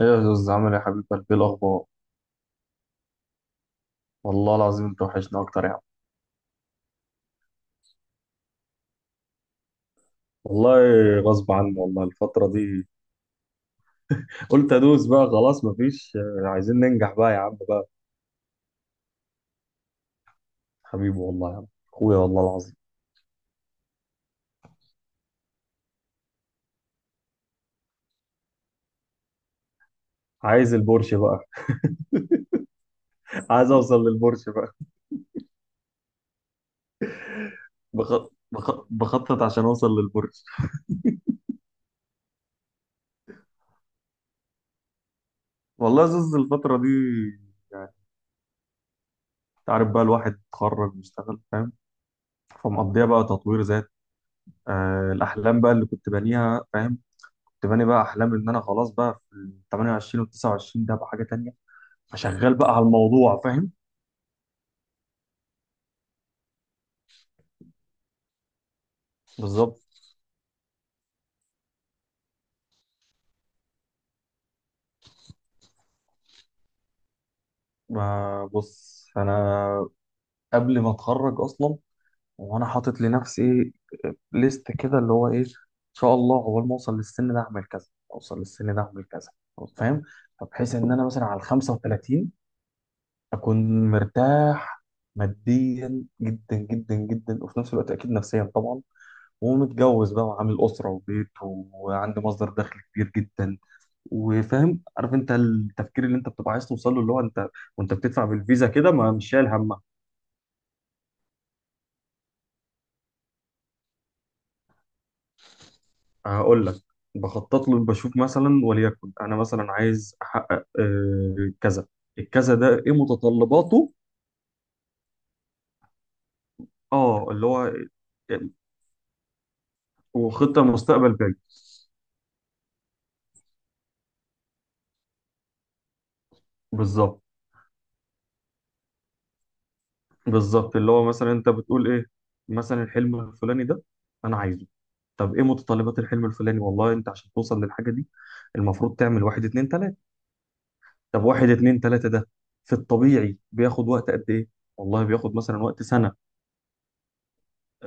ايه يا زوز، عامل ايه يا حبيب قلبي؟ إيه الاخبار؟ والله العظيم انت وحشنا اكتر يا عم. والله غصب عني، والله الفترة دي قلت ادوس بقى خلاص، مفيش. عايزين ننجح بقى يا عم بقى. حبيبي والله يا عم اخويا، والله العظيم عايز البورش بقى، عايز اوصل للبورش بقى. بخطط عشان اوصل للبورش. والله يا زوز الفترة دي يعني، انت عارف بقى الواحد اتخرج واشتغل، فاهم؟ فمقضيها بقى تطوير ذات. الاحلام بقى اللي كنت بانيها، فاهم؟ كنت باني بقى احلامي ان انا خلاص بقى في ال 28 وال 29، ده بقى حاجه تانية. فشغال بقى على الموضوع، فاهم؟ بالظبط. ما بص، انا قبل ما اتخرج اصلا وانا حاطط لنفسي ايه ليست كده، اللي هو ايه ان شاء الله اول ما اوصل للسن ده اعمل كذا، اوصل للسن ده اعمل كذا، فاهم؟ فبحيث ان انا مثلا على ال 35 اكون مرتاح ماديا جدا جدا جدا، وفي نفس الوقت اكيد نفسيا طبعا، ومتجوز بقى وعامل أسرة وبيت وعنده مصدر دخل كبير جدا. وفاهم عارف انت التفكير اللي انت بتبقى عايز توصل له، اللي هو انت وانت بتدفع بالفيزا كده ما مش شايل همها. هقول لك، بخطط له بشوف مثلا وليكن انا مثلا عايز احقق كذا. الكذا ده ايه متطلباته؟ اه، اللي هو آه، وخطة مستقبل بعيد. بالظبط، بالظبط. اللي هو مثلا انت بتقول ايه، مثلا الحلم الفلاني ده انا عايزه. طب ايه متطلبات الحلم الفلاني؟ والله انت عشان توصل للحاجه دي المفروض تعمل واحد اتنين تلاته. طب واحد اتنين تلاته ده في الطبيعي بياخد وقت قد ايه؟ والله بياخد مثلا وقت سنه.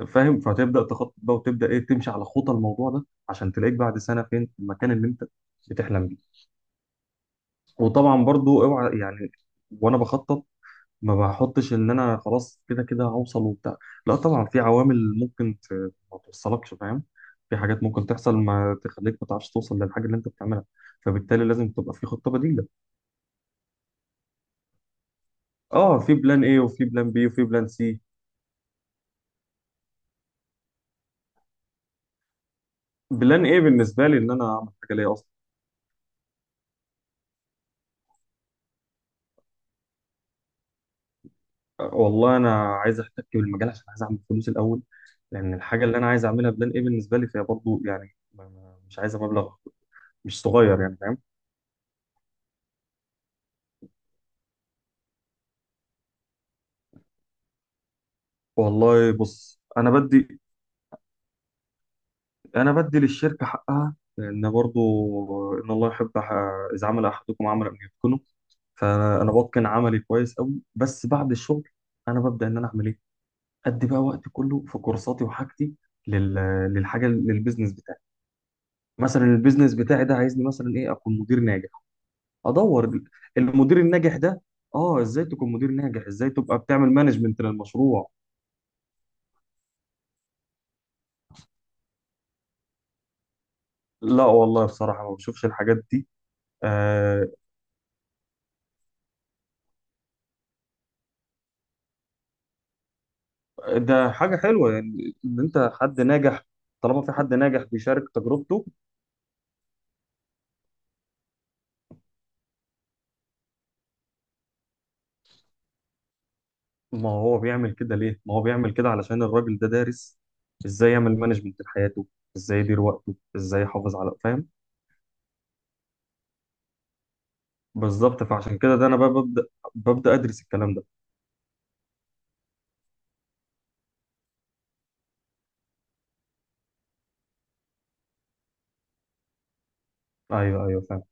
فاهم؟ فتبدا تخطط بقى وتبدا ايه، تمشي على خطى الموضوع ده عشان تلاقيك بعد سنه فين في المكان اللي انت بتحلم بيه. وطبعا برضو اوعى يعني، وانا بخطط ما بحطش ان انا خلاص كده كده هوصل وبتاع، لا طبعا في عوامل ممكن ما توصلكش، فاهم؟ في حاجات ممكن تحصل ما تخليك ما تعرفش توصل للحاجه اللي انت بتعملها، فبالتالي لازم تبقى في خطه بديله. اه في بلان ايه وفي بلان بي وفي بلان سي. بلان ايه بالنسبه لي ان انا اعمل حاجه ليا اصلا. والله انا عايز احتك بالمجال عشان عايز اعمل فلوس الاول، لان الحاجه اللي انا عايز اعملها بلان ايه بالنسبه لي، فهي برضو يعني مش عايزه مبلغ مش صغير يعني، فاهم؟ والله بص، انا بدي للشركه حقها، لان برضو ان الله يحب اذا عمل احدكم عمل ان يتقنه. فانا بتقن عملي كويس قوي، بس بعد الشغل انا ببدا ان انا اعمل ايه، ادي بقى وقت كله في كورساتي وحاجتي لل... للحاجه، للبيزنس بتاعي. مثلا البيزنس بتاعي ده عايزني مثلا ايه، اكون مدير ناجح. ادور المدير الناجح ده اه ازاي تكون مدير ناجح، ازاي تبقى بتعمل مانجمنت للمشروع. لا والله بصراحه ما بشوفش الحاجات دي. آه، ده حاجة حلوة يعني، إن أنت حد ناجح طالما في حد ناجح بيشارك تجربته. ما هو بيعمل كده ليه؟ ما هو بيعمل كده علشان الراجل ده دارس إزاي يعمل مانجمنت لحياته، إزاي يدير وقته، إزاي يحافظ على، فاهم؟ بالظبط، فعشان كده ده أنا بقى ببدأ، ببدأ أدرس الكلام ده. أيوه أيوه فاهم.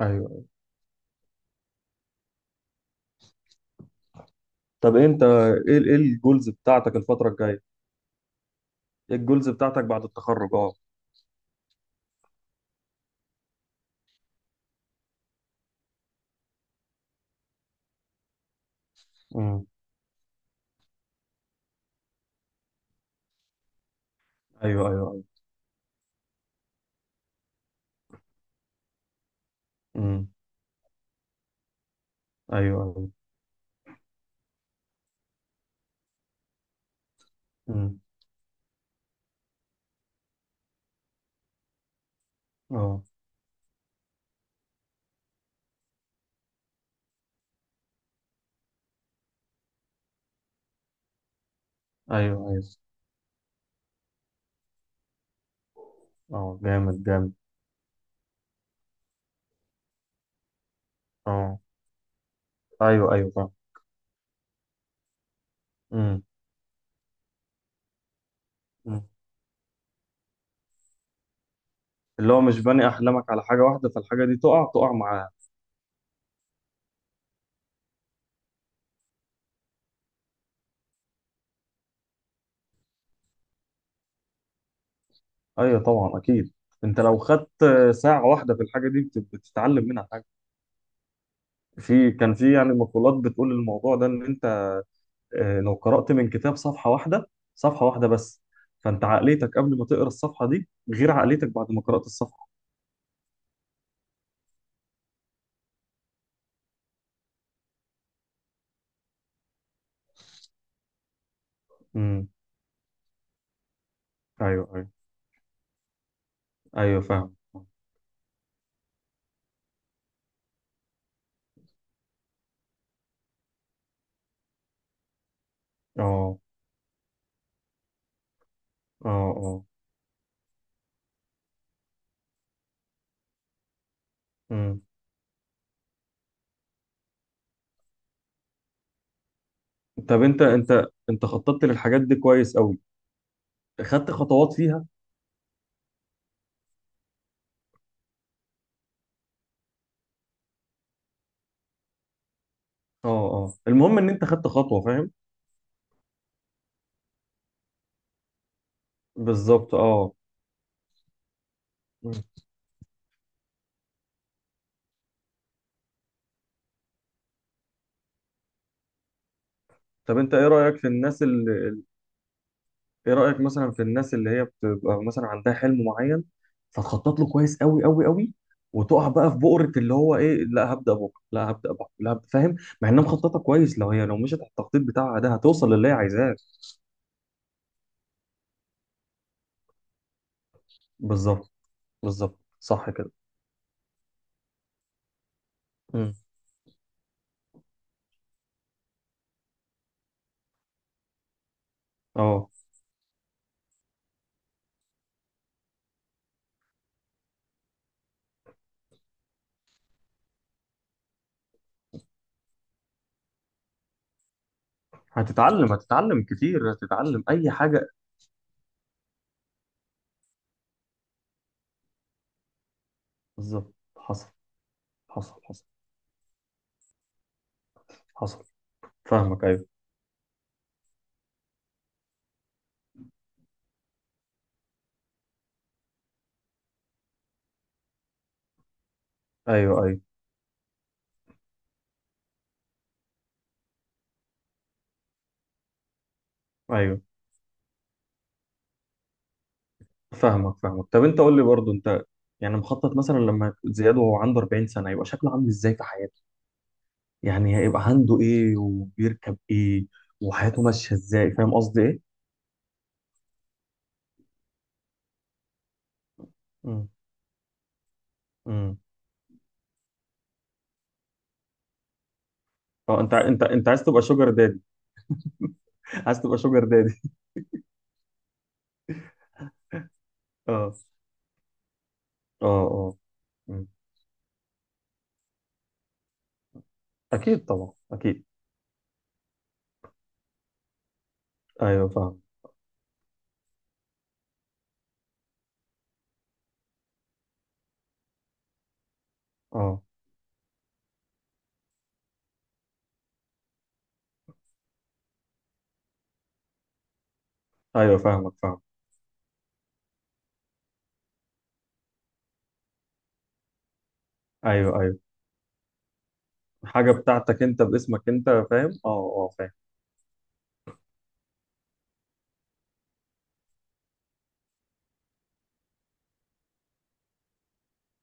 أيوه أيوه. طب أنت إيه، إيه الجولز بتاعتك الفترة الجاية؟ إيه الجولز بتاعتك بعد التخرج؟ أه. أمم. أيوه أيوه أيوه. أمم. أيوه أيوه. أمم. أه. أيوه أيوه. أه جامد جامد. أه ايوه ايوه فاهم. امم. مم. اللي هو مش باني احلامك على حاجه واحده فالحاجه دي تقع، تقع معاها. ايوه طبعا اكيد. انت لو خدت ساعه واحده في الحاجه دي بتتعلم منها حاجه. في كان في يعني مقولات بتقول الموضوع ده ان انت، لو قرات من كتاب صفحه واحده، صفحه واحده بس، فانت عقليتك قبل ما تقرا الصفحه دي غير عقليتك بعد ما قرات الصفحه. امم. ايوه ايوه ايوه فاهم. اه اه اه. امم. طب انت خططت للحاجات دي كويس قوي، خدت خطوات فيها. اه اه المهم ان انت خدت خطوه، فاهم؟ بالظبط اه. مم. طب انت ايه رايك في الناس اللي، ايه رايك مثلا في الناس اللي هي بتبقى مثلا عندها حلم معين فتخطط له كويس قوي قوي قوي، وتقع بقى في بؤره اللي هو ايه لا هبدا بكره، لا هبدا بكره، لا هبدأ. فاهم؟ مع انها مخططه كويس، لو هي لو مشت على التخطيط بتاعها ده هتوصل للي هي عايزاه. بالظبط، بالظبط صح كده. مم. اه هتتعلم، هتتعلم كتير، هتتعلم اي حاجه. بالظبط. حصل حصل حصل حصل. فاهمك. ايوه ايوه ايوه ايوه فاهمك فاهمك. طب انت قول لي برضو انت يعني مخطط مثلا لما زياد وهو عنده 40 سنه يبقى شكله عامل ازاي في حياته، يعني هيبقى عنده ايه وبيركب ايه وحياته ماشيه ازاي، فاهم قصدي ايه؟ امم. امم. اه انت انت عايز تبقى شوجر دادي؟ عايز تبقى شوجر دادي؟ اه اه اه. مم. اكيد طبعا اكيد. ايوه فاهم. اه. ايوه فاهمك فاهم. ايوه ايوه. حاجه بتاعتك انت باسمك انت، فاهم؟ اه اه فاهم.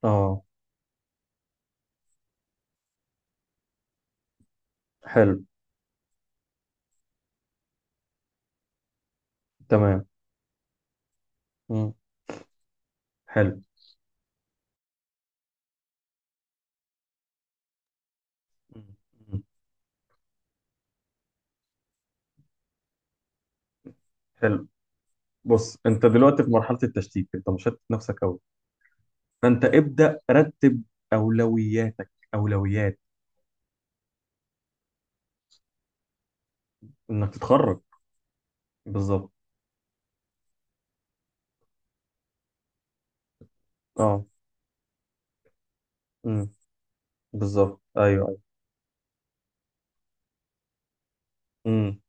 اه. حلو. تمام. مم. حلو. مم. حلو. بص انت دلوقتي في مرحله التشتيت، انت مشتت نفسك قوي. فانت ابدا رتب اولوياتك، اولويات انك تتخرج. بالظبط. اه. امم. بالظبط. ايوه ايوه. امم.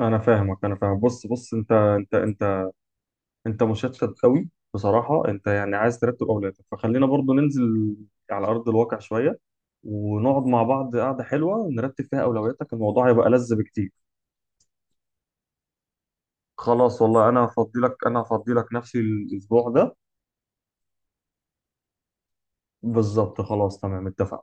انا فاهمك، انا فاهم. بص بص، انت انت مشتت قوي بصراحه. انت يعني عايز ترتب اولوياتك، فخلينا برضو ننزل على ارض الواقع شويه، ونقعد مع بعض قعده حلوه نرتب فيها اولوياتك، الموضوع هيبقى لذ بكتير. خلاص والله، انا هفضي لك نفسي الاسبوع ده. بالظبط خلاص تمام، اتفقنا.